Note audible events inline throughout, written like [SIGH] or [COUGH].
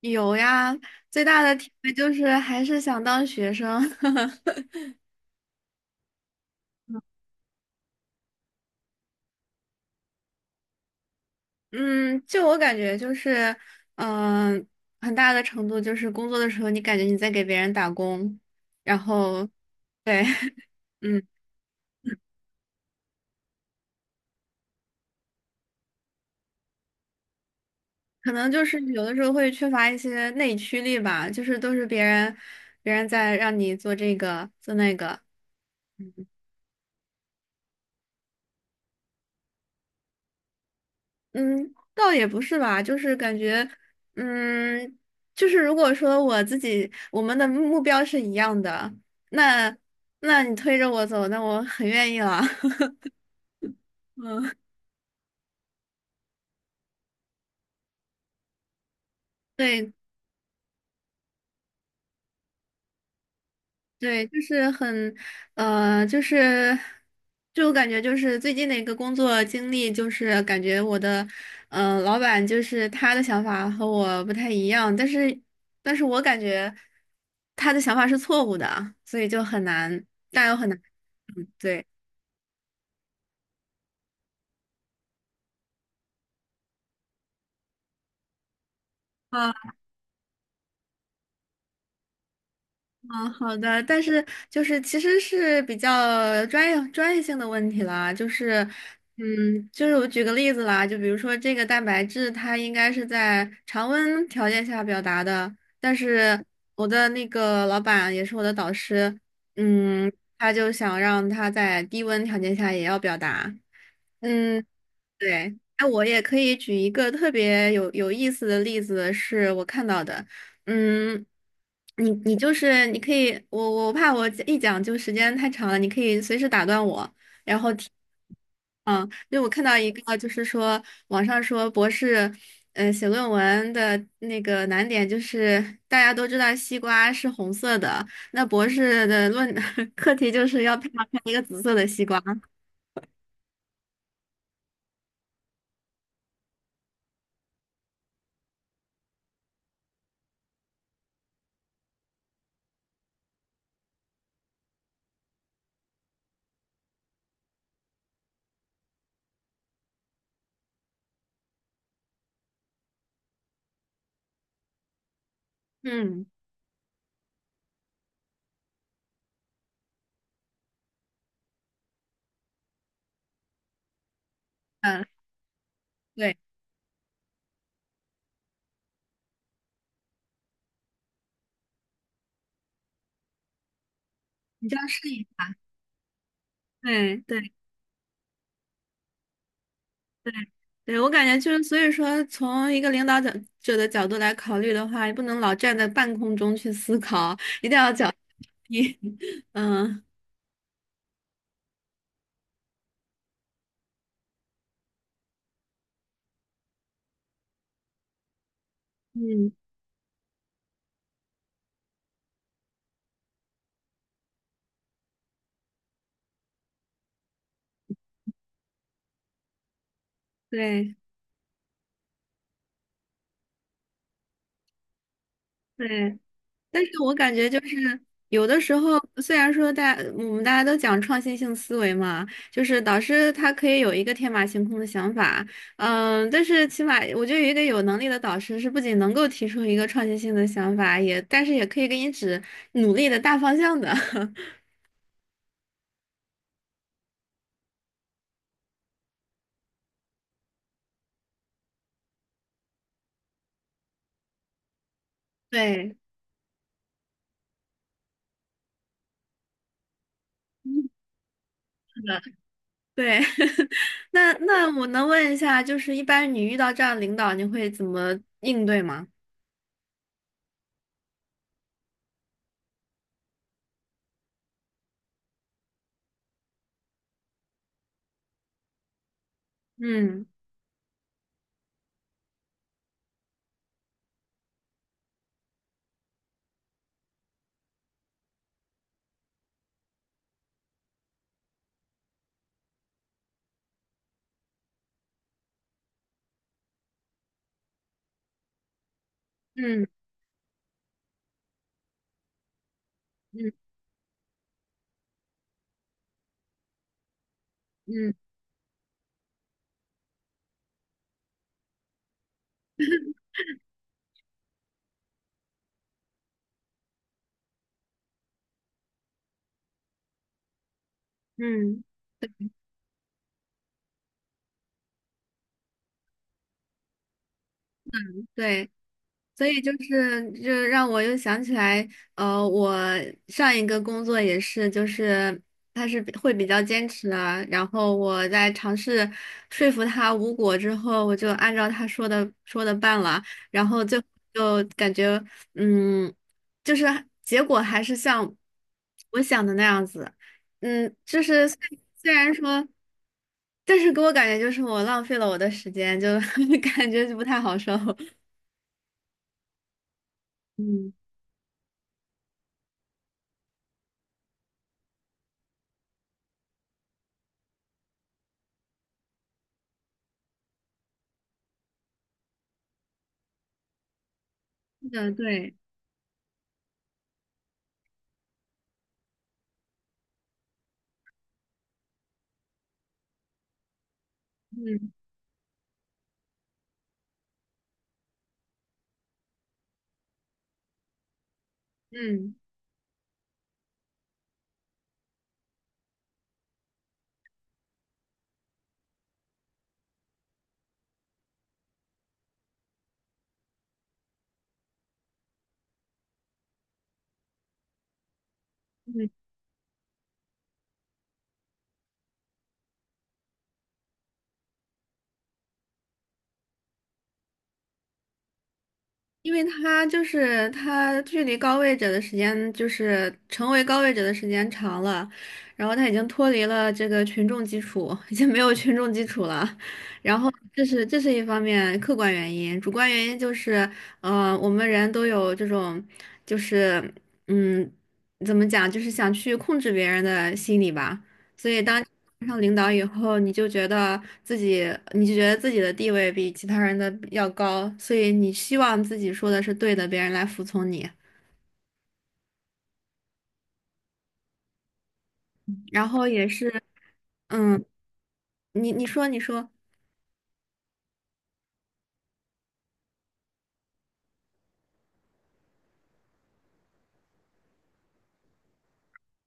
有呀，最大的体会就是还是想当学生。[LAUGHS] 嗯，就我感觉就是，嗯、很大的程度就是工作的时候，你感觉你在给别人打工，然后，对，[LAUGHS] 嗯，可能就是有的时候会缺乏一些内驱力吧，就是都是别人，别人在让你做这个做那个。嗯嗯，倒也不是吧，就是感觉，嗯，就是如果说我自己我们的目标是一样的，那那你推着我走，那我很愿意了。[LAUGHS] 嗯，对，对，就是很，就是，就我感觉就是最近的一个工作经历，就是感觉我的，老板就是他的想法和我不太一样，但是，但是我感觉他的想法是错误的，所以就很难，但又很难，嗯，对。嗯，好的，但是就是其实是比较专业性的问题啦，就是，嗯，就是我举个例子啦，就比如说这个蛋白质，它应该是在常温条件下表达的，但是我的那个老板也是我的导师，嗯，他就想让他在低温条件下也要表达。嗯。对，哎，我也可以举一个特别有意思的例子，是我看到的。嗯，你就是你可以，我怕我一讲就时间太长了，你可以随时打断我，然后提。嗯，因为我看到一个，就是说网上说博士，写论文的那个难点就是大家都知道西瓜是红色的，那博士的论 [LAUGHS] 课题就是要配上一个紫色的西瓜。嗯嗯，对，你这样试一下。对对对对，我感觉就是，所以说，从一个领导者的角度来考虑的话，也不能老站在半空中去思考，一定要脚踢。[LAUGHS] 嗯嗯，对对，但是我感觉就是有的时候，虽然说我们大家都讲创新性思维嘛，就是导师他可以有一个天马行空的想法，嗯，但是起码我觉得有一个有能力的导师是不仅能够提出一个创新性的想法，也但是也可以给你指努力的大方向的。[LAUGHS] 对，是的，对。[LAUGHS] 那那我能问一下，就是一般你遇到这样的领导，你会怎么应对吗？嗯嗯嗯嗯嗯，对。所以就是，就让我又想起来，我上一个工作也是，就是他是比会比较坚持啊。然后我在尝试说服他无果之后，我就按照他说的办了，然后就就感觉，嗯，就是结果还是像我想的那样子，嗯，就是虽然说，但是给我感觉就是我浪费了我的时间，就 [LAUGHS] 感觉就不太好受，嗯。是的，对，嗯嗯嗯，因为他就是他距离高位者的时间，就是成为高位者的时间长了，然后他已经脱离了这个群众基础，[LAUGHS] 已经没有群众基础了。然后这是一方面客观原因，主观原因就是，我们人都有这种，就是嗯，怎么讲，就是想去控制别人的心理吧。所以当上领导以后，你就觉得自己，你就觉得自己的地位比其他人的要高，所以你希望自己说的是对的，别人来服从你。然后也是，嗯，你说你说，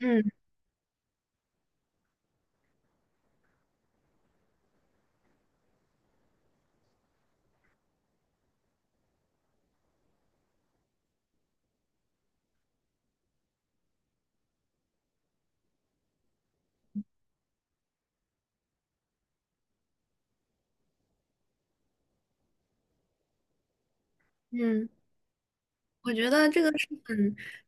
嗯嗯。我觉得这个是很，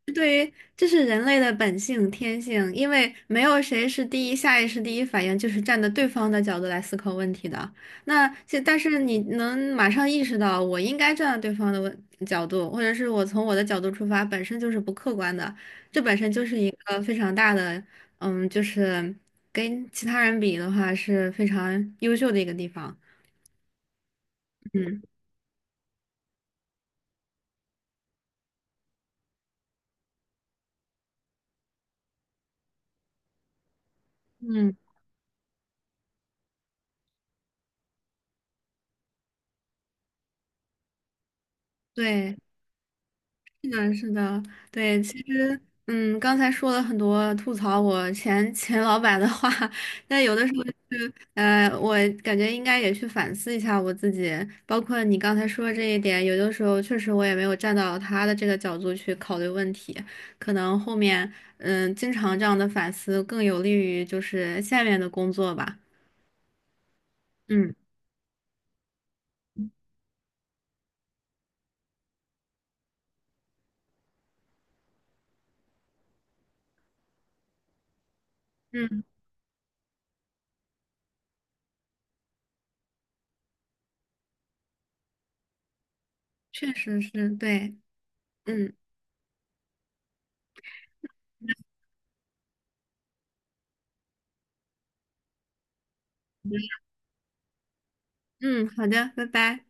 是对于这是人类的本性天性，因为没有谁是第一下意识第一反应就是站在对方的角度来思考问题的。那这但是你能马上意识到我应该站在对方的问角度，或者是我从我的角度出发，本身就是不客观的，这本身就是一个非常大的，嗯，就是跟其他人比的话是非常优秀的一个地方。嗯嗯，对。是的，是的，对，其实，嗯，刚才说了很多吐槽我前老板的话，[LAUGHS] 但有的时候是，我感觉应该也去反思一下我自己，包括你刚才说的这一点，有的时候确实我也没有站到他的这个角度去考虑问题，可能后面，嗯，经常这样的反思更有利于就是下面的工作吧。嗯嗯，确实是，对，嗯嗯，好的，拜拜。